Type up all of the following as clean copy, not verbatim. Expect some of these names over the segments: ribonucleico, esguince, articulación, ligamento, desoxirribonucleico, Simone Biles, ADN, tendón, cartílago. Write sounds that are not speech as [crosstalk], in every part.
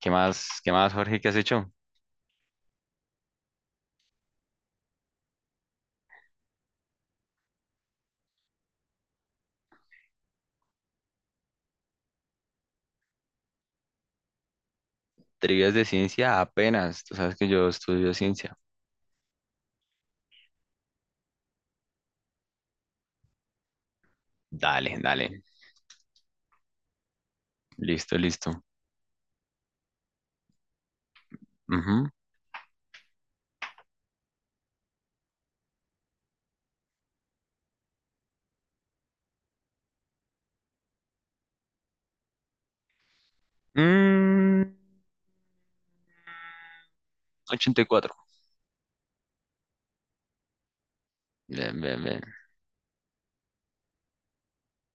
Qué más, Jorge? ¿Qué has hecho? Trivias de ciencia apenas. Tú sabes que yo estudio ciencia. Dale, dale. Listo, listo. Ujú. Mm, 84. Bien, bien, bien.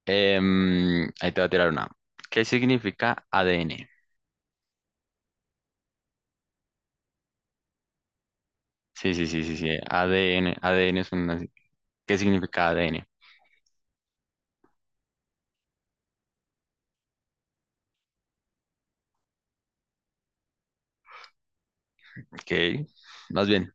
Ahí te voy a tirar una. ¿Qué significa ADN? Sí, sí, sí, sí, sí. ADN. ADN es una ¿qué significa ADN? Ok. Más bien.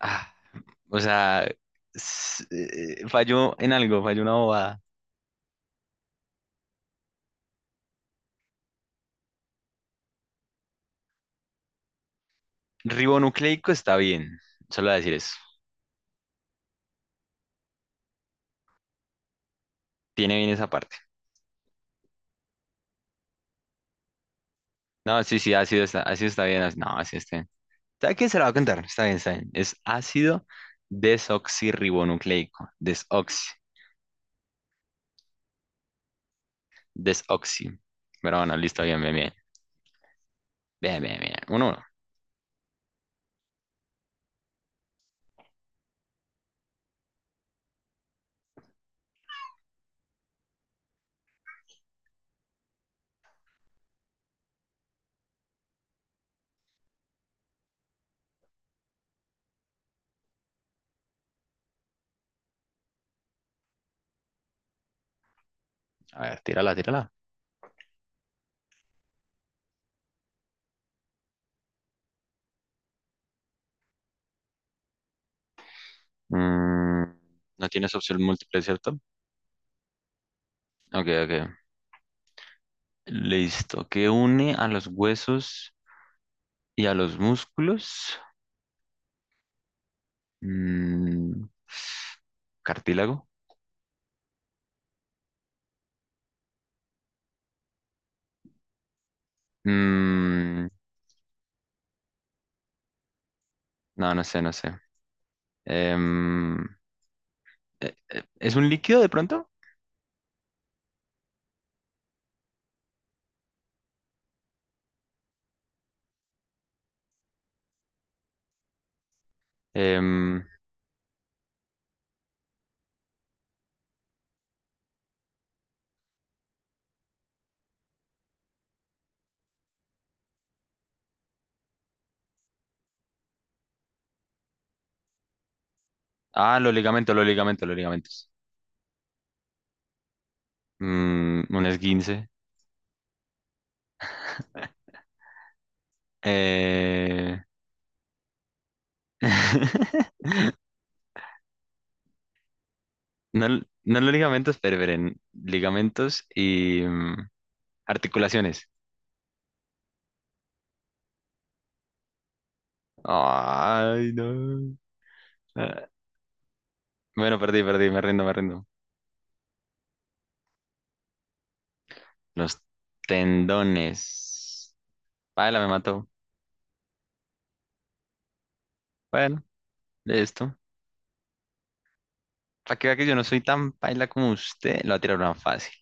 Ah, o sea, falló en algo, falló una bobada. Ribonucleico está bien. Solo voy a decir eso. Tiene bien esa parte. No, sí, sí, ácido está bien. No, ácido está bien. ¿A quién se lo va a contar? Está bien, está bien. Es ácido desoxirribonucleico. Desoxi. Desoxi. Pero bueno, listo, bien, bien, bien. Bien, bien, bien. Uno, uno. A ver, tírala, tírala. Mm, no tienes opción múltiple, ¿cierto? Ok, ok. Listo. ¿Qué une a los huesos y a los músculos? Mm, cartílago. Mm, no, no sé, no sé. Em, ¿Es un líquido de pronto? Em, los ligamentos, los ligamentos, los ligamentos. Un esguince. Eh, [laughs] No, no los ligamentos, pero esperen, ligamentos y articulaciones. Ay, no. Ah, bueno, perdí, perdí, me rindo, me rindo. Los tendones. Paila me mató. Bueno, listo. Para que vea que yo no soy tan paila como usted, lo va a tirar una fácil.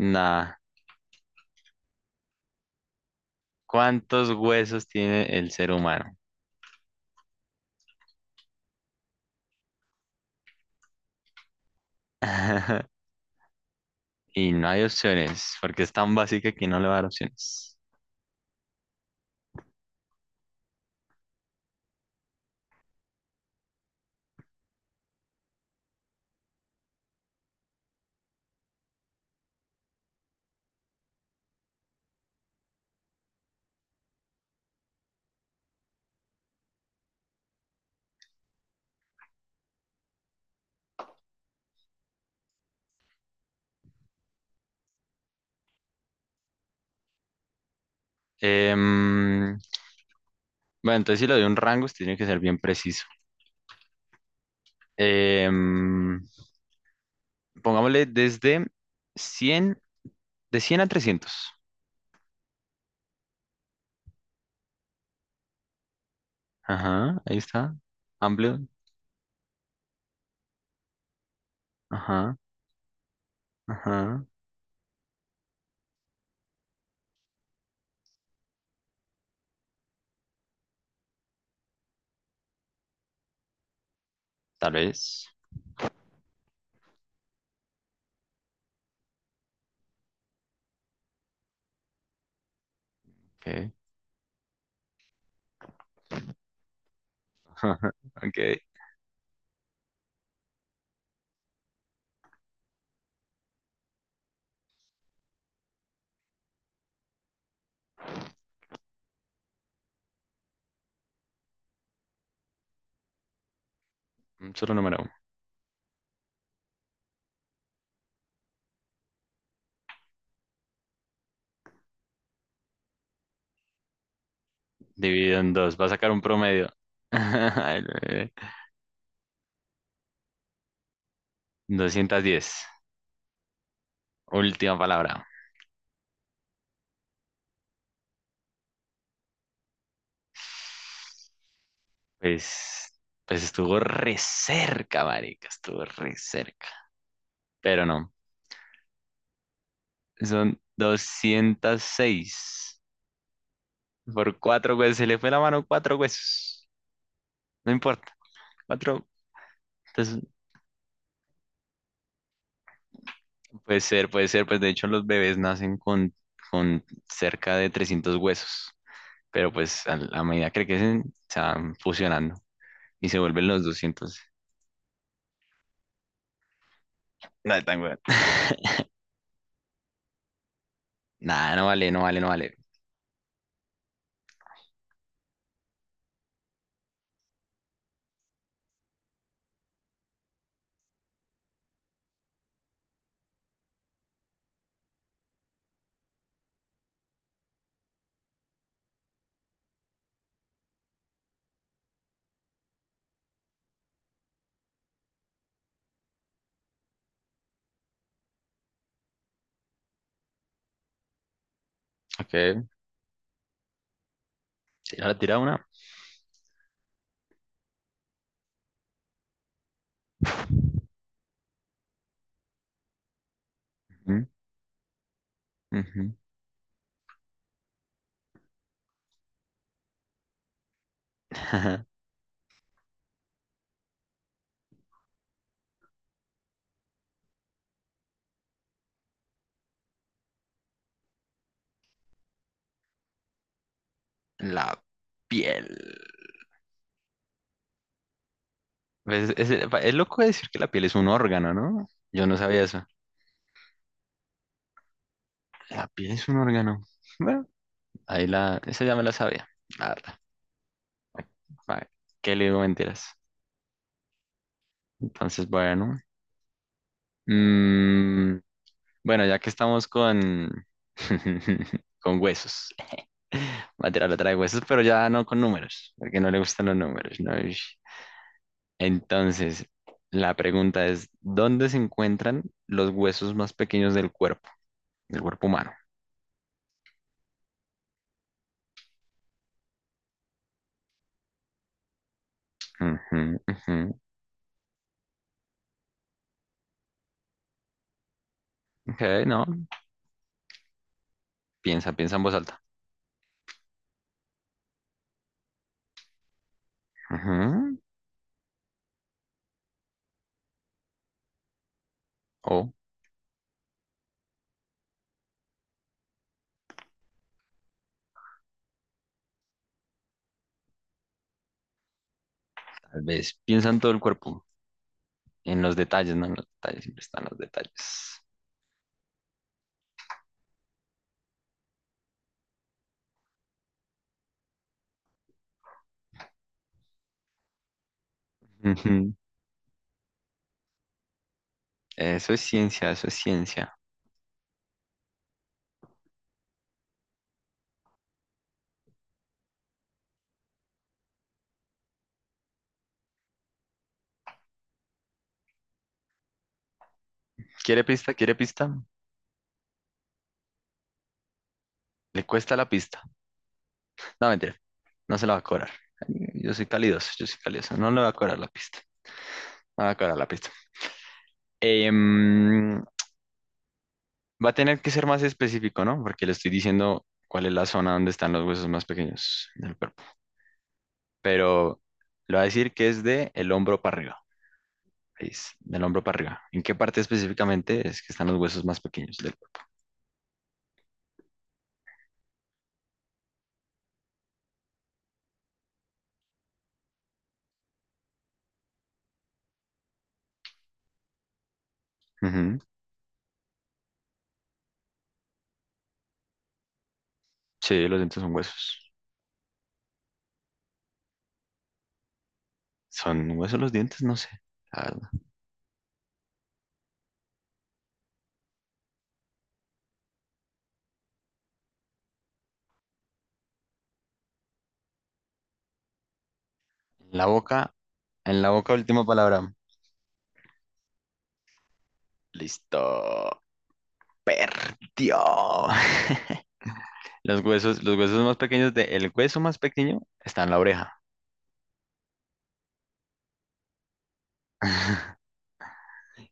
Nah, ¿cuántos huesos tiene el ser humano? [laughs] Y no hay opciones, porque es tan básica que no le va a dar opciones. Em, bueno, entonces si le doy un rango, usted tiene que ser bien preciso. Em, pongámosle desde cien, de cien a trescientos. Ajá, ahí está. Amplio. Ajá, ajá. Tal vez. Ok. [laughs] Ok. Un solo número. Dividido en dos. Va a sacar un promedio. [laughs] Ay, bebé. 210. Última palabra. Pues, pues estuvo re cerca, marica, estuvo re cerca. Pero no, son 206 por cuatro huesos. Se le fue la mano cuatro huesos. No importa, cuatro. Entonces, puede ser, puede ser. Pues de hecho los bebés nacen con cerca de 300 huesos. Pero pues a medida que crecen, se van fusionando y se vuelven los 200. Nada, tan weón. [laughs] Nada, no vale, no vale, no vale. Ok, ahora tira una. Ujú, ujú. [laughs] La piel. Pues, es loco decir que la piel es un órgano, ¿no? Yo no sabía eso. La piel es un órgano. Bueno, ahí la, esa ya me la sabía. La verdad. Vale, ¿qué le digo mentiras? Entonces, bueno. Mm, bueno, ya que estamos con, [laughs] con huesos. Va a tirar otra de huesos, pero ya no con números, porque no le gustan los números, ¿no? Ish. Entonces, la pregunta es, ¿dónde se encuentran los huesos más pequeños del cuerpo? Del cuerpo humano. Ujú, ujú. Ok, no, piensa, piensa en voz alta. Ujú. O tal vez piensa en todo el cuerpo, en los detalles, no en los detalles, siempre están los detalles. Ujú. Eso es ciencia, eso es ciencia. ¿Quiere pista? ¿Quiere pista? Le cuesta la pista. No, mentira, no se la va a cobrar. Yo soy calidoso, yo soy calidoso. No le va a cobrar la pista. No le va a cobrar la pista. Em, va a tener que ser más específico, ¿no? Porque le estoy diciendo cuál es la zona donde están los huesos más pequeños del cuerpo. Pero le voy a decir que es de el hombro para arriba. Ahí es, del hombro para arriba. ¿En qué parte específicamente es que están los huesos más pequeños del cuerpo? Ujú. Sí, los dientes son huesos. ¿Son huesos los dientes? No sé. La verdad. La boca, en la boca, última palabra. Listo. Perdió. [laughs] Los huesos más pequeños de, el hueso más pequeño está en la oreja.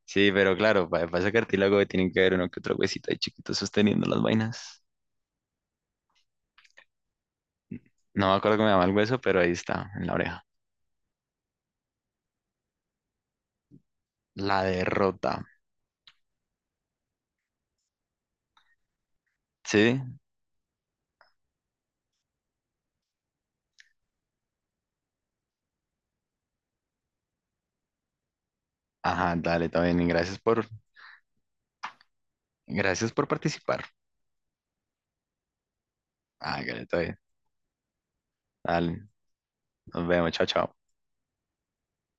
Sí, pero claro, para, ese cartílago tienen que haber uno que otro huesito ahí chiquito sosteniendo las vainas. No me acuerdo cómo me llama el hueso, pero ahí está, en la oreja. La derrota. Sí. Ajá, dale, está bien. Y gracias por, gracias por participar. Ah, dale, está bien. Dale. Nos vemos. Chao, chao.